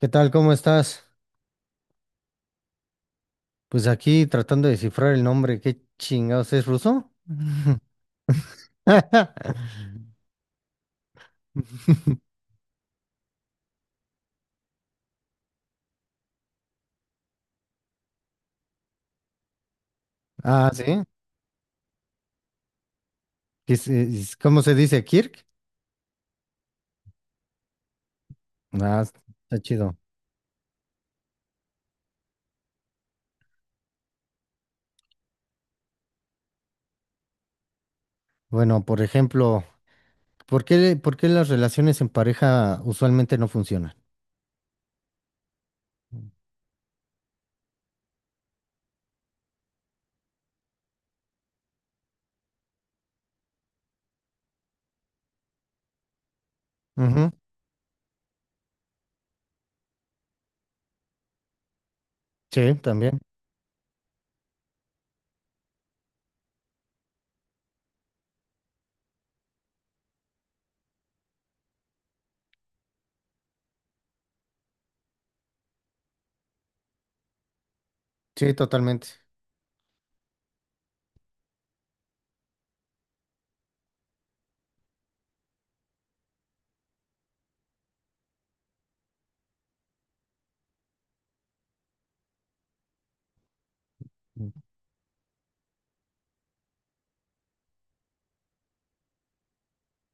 ¿Qué tal? ¿Cómo estás? Pues aquí tratando de descifrar el nombre. ¿Qué chingados es ruso? Ah, sí. ¿Qué cómo se dice Kirk? Ah, está chido. Bueno, por ejemplo, ¿por qué las relaciones en pareja usualmente no funcionan? Ujú. Sí, también. Sí, totalmente.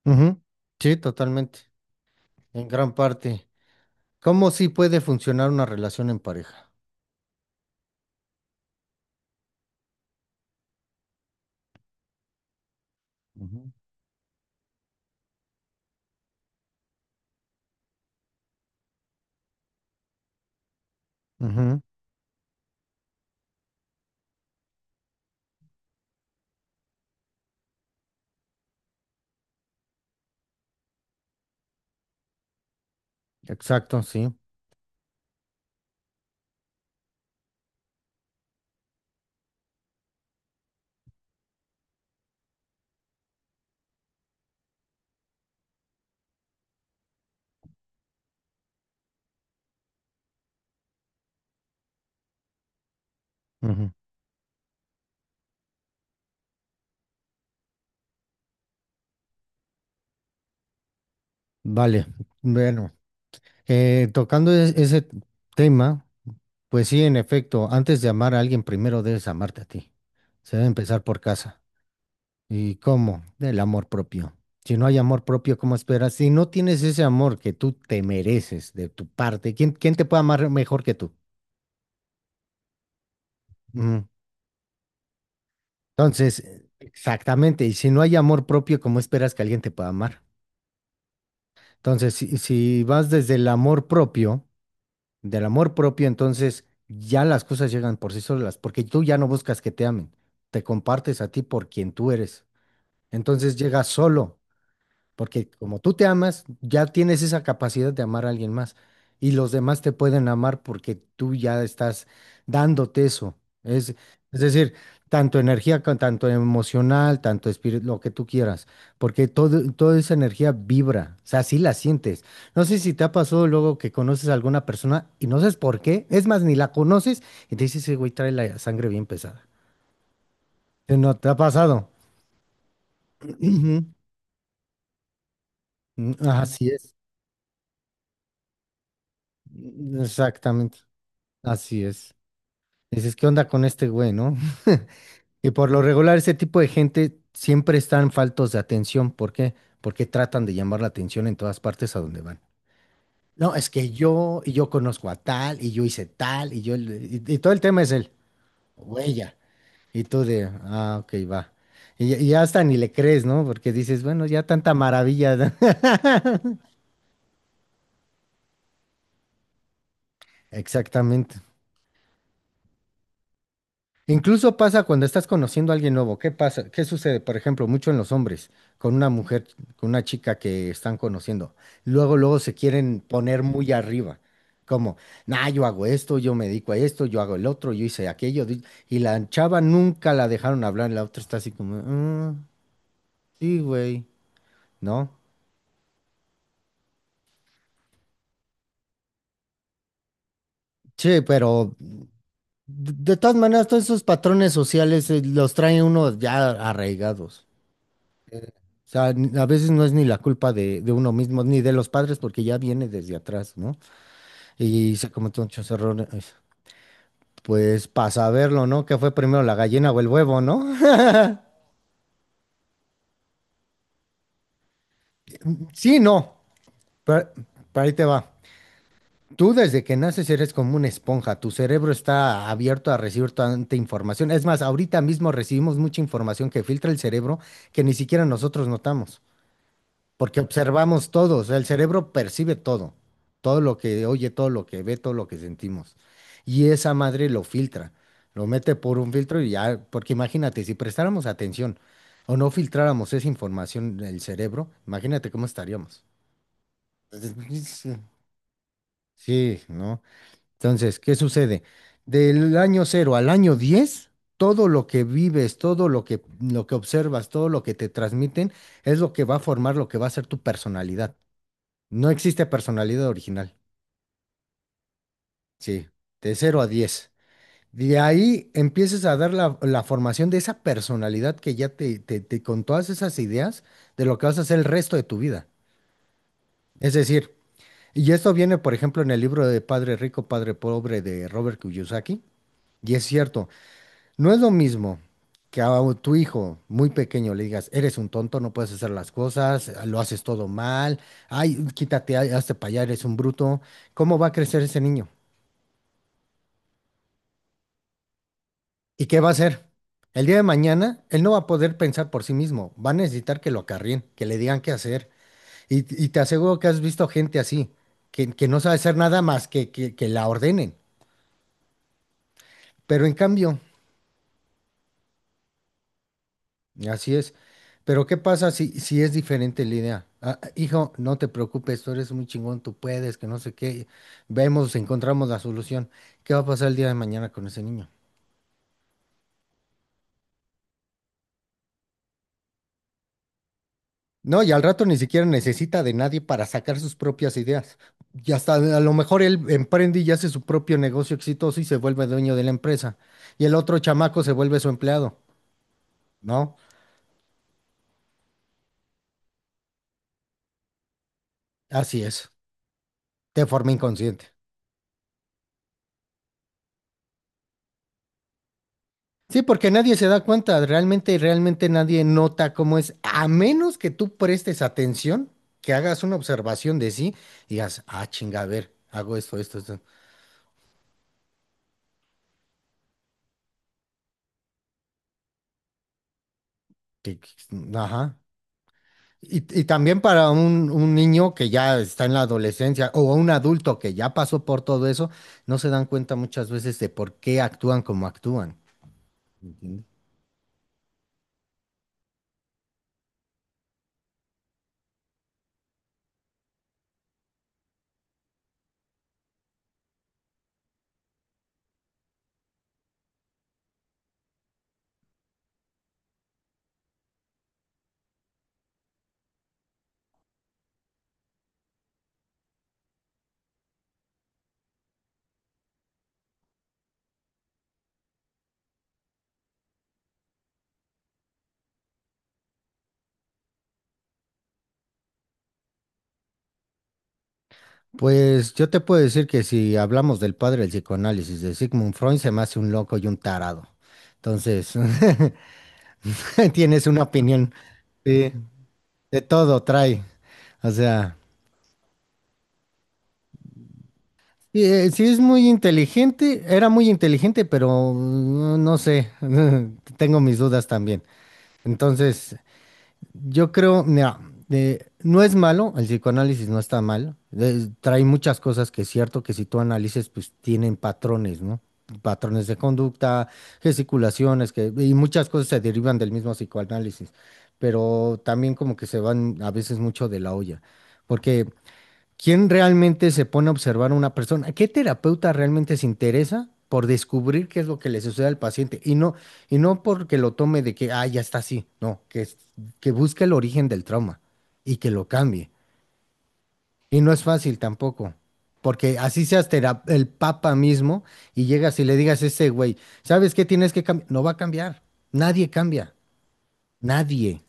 Ujú. Sí, totalmente. En gran parte. ¿Cómo sí puede funcionar una relación en pareja? Ujú, ujú. Exacto, sí. Ujú. Vale, bueno, tocando ese tema, pues sí, en efecto, antes de amar a alguien, primero debes amarte a ti. Se debe empezar por casa. ¿Y cómo? Del amor propio. Si no hay amor propio, ¿cómo esperas? Si no tienes ese amor que tú te mereces de tu parte, ¿quién, quién te puede amar mejor que tú? Ujú. Entonces, exactamente, y si no hay amor propio, ¿cómo esperas que alguien te pueda amar? Entonces, si vas desde el amor propio, del amor propio, entonces ya las cosas llegan por sí solas, porque tú ya no buscas que te amen, te compartes a ti por quien tú eres. Entonces llega solo. Porque como tú te amas, ya tienes esa capacidad de amar a alguien más. Y los demás te pueden amar porque tú ya estás dándote eso. Es, es decir, tanto energía, tanto emocional, tanto espíritu, lo que tú quieras. Porque todo, toda esa energía vibra. O sea, sí la sientes. No sé si te ha pasado luego que conoces a alguna persona y no sabes por qué. Es más, ni la conoces y te dices: "Ese güey trae la sangre bien pesada." ¿No te ha pasado? Ujú. Mm, así es. Exactamente. Así es. Dices, ¿qué onda con este güey, no? Y por lo regular, ese tipo de gente siempre están faltos de atención. ¿Por qué? Porque tratan de llamar la atención en todas partes a donde van. No, es que yo, y yo conozco a tal, y yo hice tal, y yo, y todo el tema es el o ella. Y tú de, ah, ok, va. Y hasta ni le crees, ¿no? Porque dices, bueno, ya tanta maravilla. Exactamente. Incluso pasa cuando estás conociendo a alguien nuevo. ¿Qué pasa? ¿Qué sucede? Por ejemplo, mucho en los hombres, con una mujer, con una chica que están conociendo. Luego, luego se quieren poner muy arriba. Como, nah, yo hago esto, yo me dedico a esto, yo hago el otro, yo hice aquello. Y la chava nunca la dejaron hablar. La otra está así como: "Mm, sí, güey, ¿no?" Sí, pero de todas maneras, todos esos patrones sociales, los trae uno ya arraigados. O sea, a veces no es ni la culpa de uno mismo, ni de los padres, porque ya viene desde atrás, ¿no? Y se cometió muchos errores. Pues para saberlo, ¿no? ¿Qué fue primero, la gallina o el huevo, no? Sí, no. Pero, pero ahí te va. Tú desde que naces eres como una esponja. Tu cerebro está abierto a recibir tanta información. Es más, ahorita mismo recibimos mucha información que filtra el cerebro que ni siquiera nosotros notamos. Porque observamos todo, o sea, el cerebro percibe todo, todo lo que oye, todo lo que ve, todo lo que sentimos. Y esa madre lo filtra, lo mete por un filtro y ya, porque imagínate, si prestáramos atención o no filtráramos esa información del cerebro, imagínate cómo estaríamos. Entonces, sí, ¿no? Entonces, ¿qué sucede? Del año 0 al año 10, todo lo que vives, todo lo que observas, todo lo que te transmiten, es lo que va a formar lo que va a ser tu personalidad. No existe personalidad original, sí, de 0 a 10. De ahí empiezas a dar la, la formación de esa personalidad que ya con todas esas ideas de lo que vas a hacer el resto de tu vida. Es decir, y esto viene, por ejemplo, en el libro de Padre Rico, Padre Pobre de Robert Kiyosaki, y es cierto, no es lo mismo que a tu hijo muy pequeño le digas: eres un tonto, no puedes hacer las cosas, lo haces todo mal, ay, quítate, ay, hazte para allá, eres un bruto. ¿Cómo va a crecer ese niño? ¿Y qué va a hacer? El día de mañana, él no va a poder pensar por sí mismo, va a necesitar que lo acarrien, que le digan qué hacer. Y te aseguro que has visto gente así, que no sabe hacer nada más que la ordenen. Pero en cambio, así es. Pero ¿qué pasa si, si es diferente la idea? Ah, ah, hijo, no te preocupes, tú eres muy chingón, tú puedes, que no sé qué. Vemos, encontramos la solución. ¿Qué va a pasar el día de mañana con ese niño? No, y al rato ni siquiera necesita de nadie para sacar sus propias ideas. Y hasta a lo mejor él emprende y hace su propio negocio exitoso y se vuelve dueño de la empresa. Y el otro chamaco se vuelve su empleado, ¿no? Así es, de forma inconsciente. Sí, porque nadie se da cuenta, realmente, realmente nadie nota cómo es, a menos que tú prestes atención, que hagas una observación de sí y digas, ah, chinga, a ver, hago esto, esto, esto. que- que- Ajá. Y también para un niño que ya está en la adolescencia o un adulto que ya pasó por todo eso, no se dan cuenta muchas veces de por qué actúan como actúan. Ujú. Pues yo te puedo decir que si hablamos del padre del psicoanálisis de Sigmund Freud, se me hace un loco y un tarado. Entonces, tienes una opinión. Sí, de todo trae. O sea, sí es muy inteligente, era muy inteligente, pero mm, no sé, tengo mis dudas también. Entonces, yo creo, mira, no es malo, el psicoanálisis no está mal, trae muchas cosas que es cierto que si tú analices, pues tienen patrones, ¿no? Patrones de conducta, gesticulaciones, que, y muchas cosas se derivan del mismo psicoanálisis, pero también como que se van a veces mucho de la olla, porque ¿quién realmente se pone a observar a una persona? ¿Qué terapeuta realmente se interesa por descubrir qué es lo que le sucede al paciente? Y no porque lo tome de que, ah, ya está así, no, que, que busque el origen del trauma y que lo cambie. Y no es fácil tampoco, porque así seas el papa mismo y llegas y le digas a ese güey, ¿sabes qué tienes que cambiar? No va a cambiar, nadie cambia, nadie.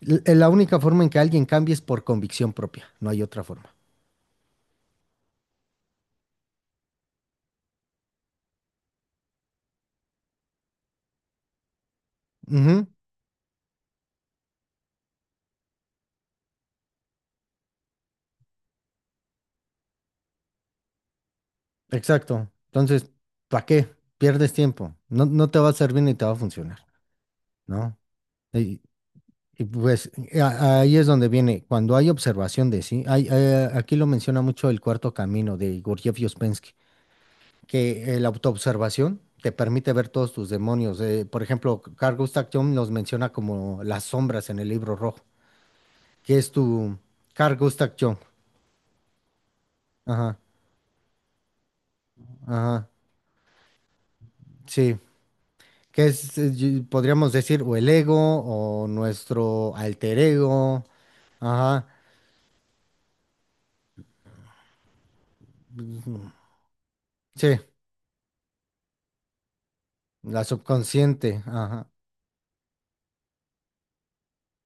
La única forma en que alguien cambie es por convicción propia, no hay otra forma. Ujú. Exacto. Entonces, ¿para qué? Pierdes tiempo. No, no te va a servir ni te va a funcionar, ¿no? Y, y pues ahí es donde viene, cuando hay observación de sí, hay, aquí lo menciona mucho el cuarto camino de Gurdjieff y Ouspensky, que la autoobservación te permite ver todos tus demonios. Por ejemplo, Carl Gustav Jung los menciona como las sombras en el libro rojo, que es tu Carl Gustav Jung. Ajá, ajá, sí. Que es, podríamos decir, o el ego o nuestro alter ego. Ajá, sí, la subconsciente. Ajá.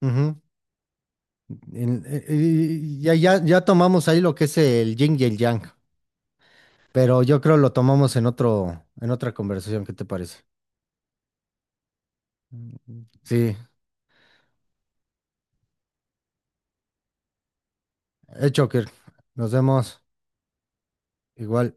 Ujú. Y, ya, ya, ya tomamos ahí lo que es el yin y el yang, pero yo creo lo tomamos en otro, en otra conversación, ¿qué te parece? Sí, hecho. Que nos vemos igual.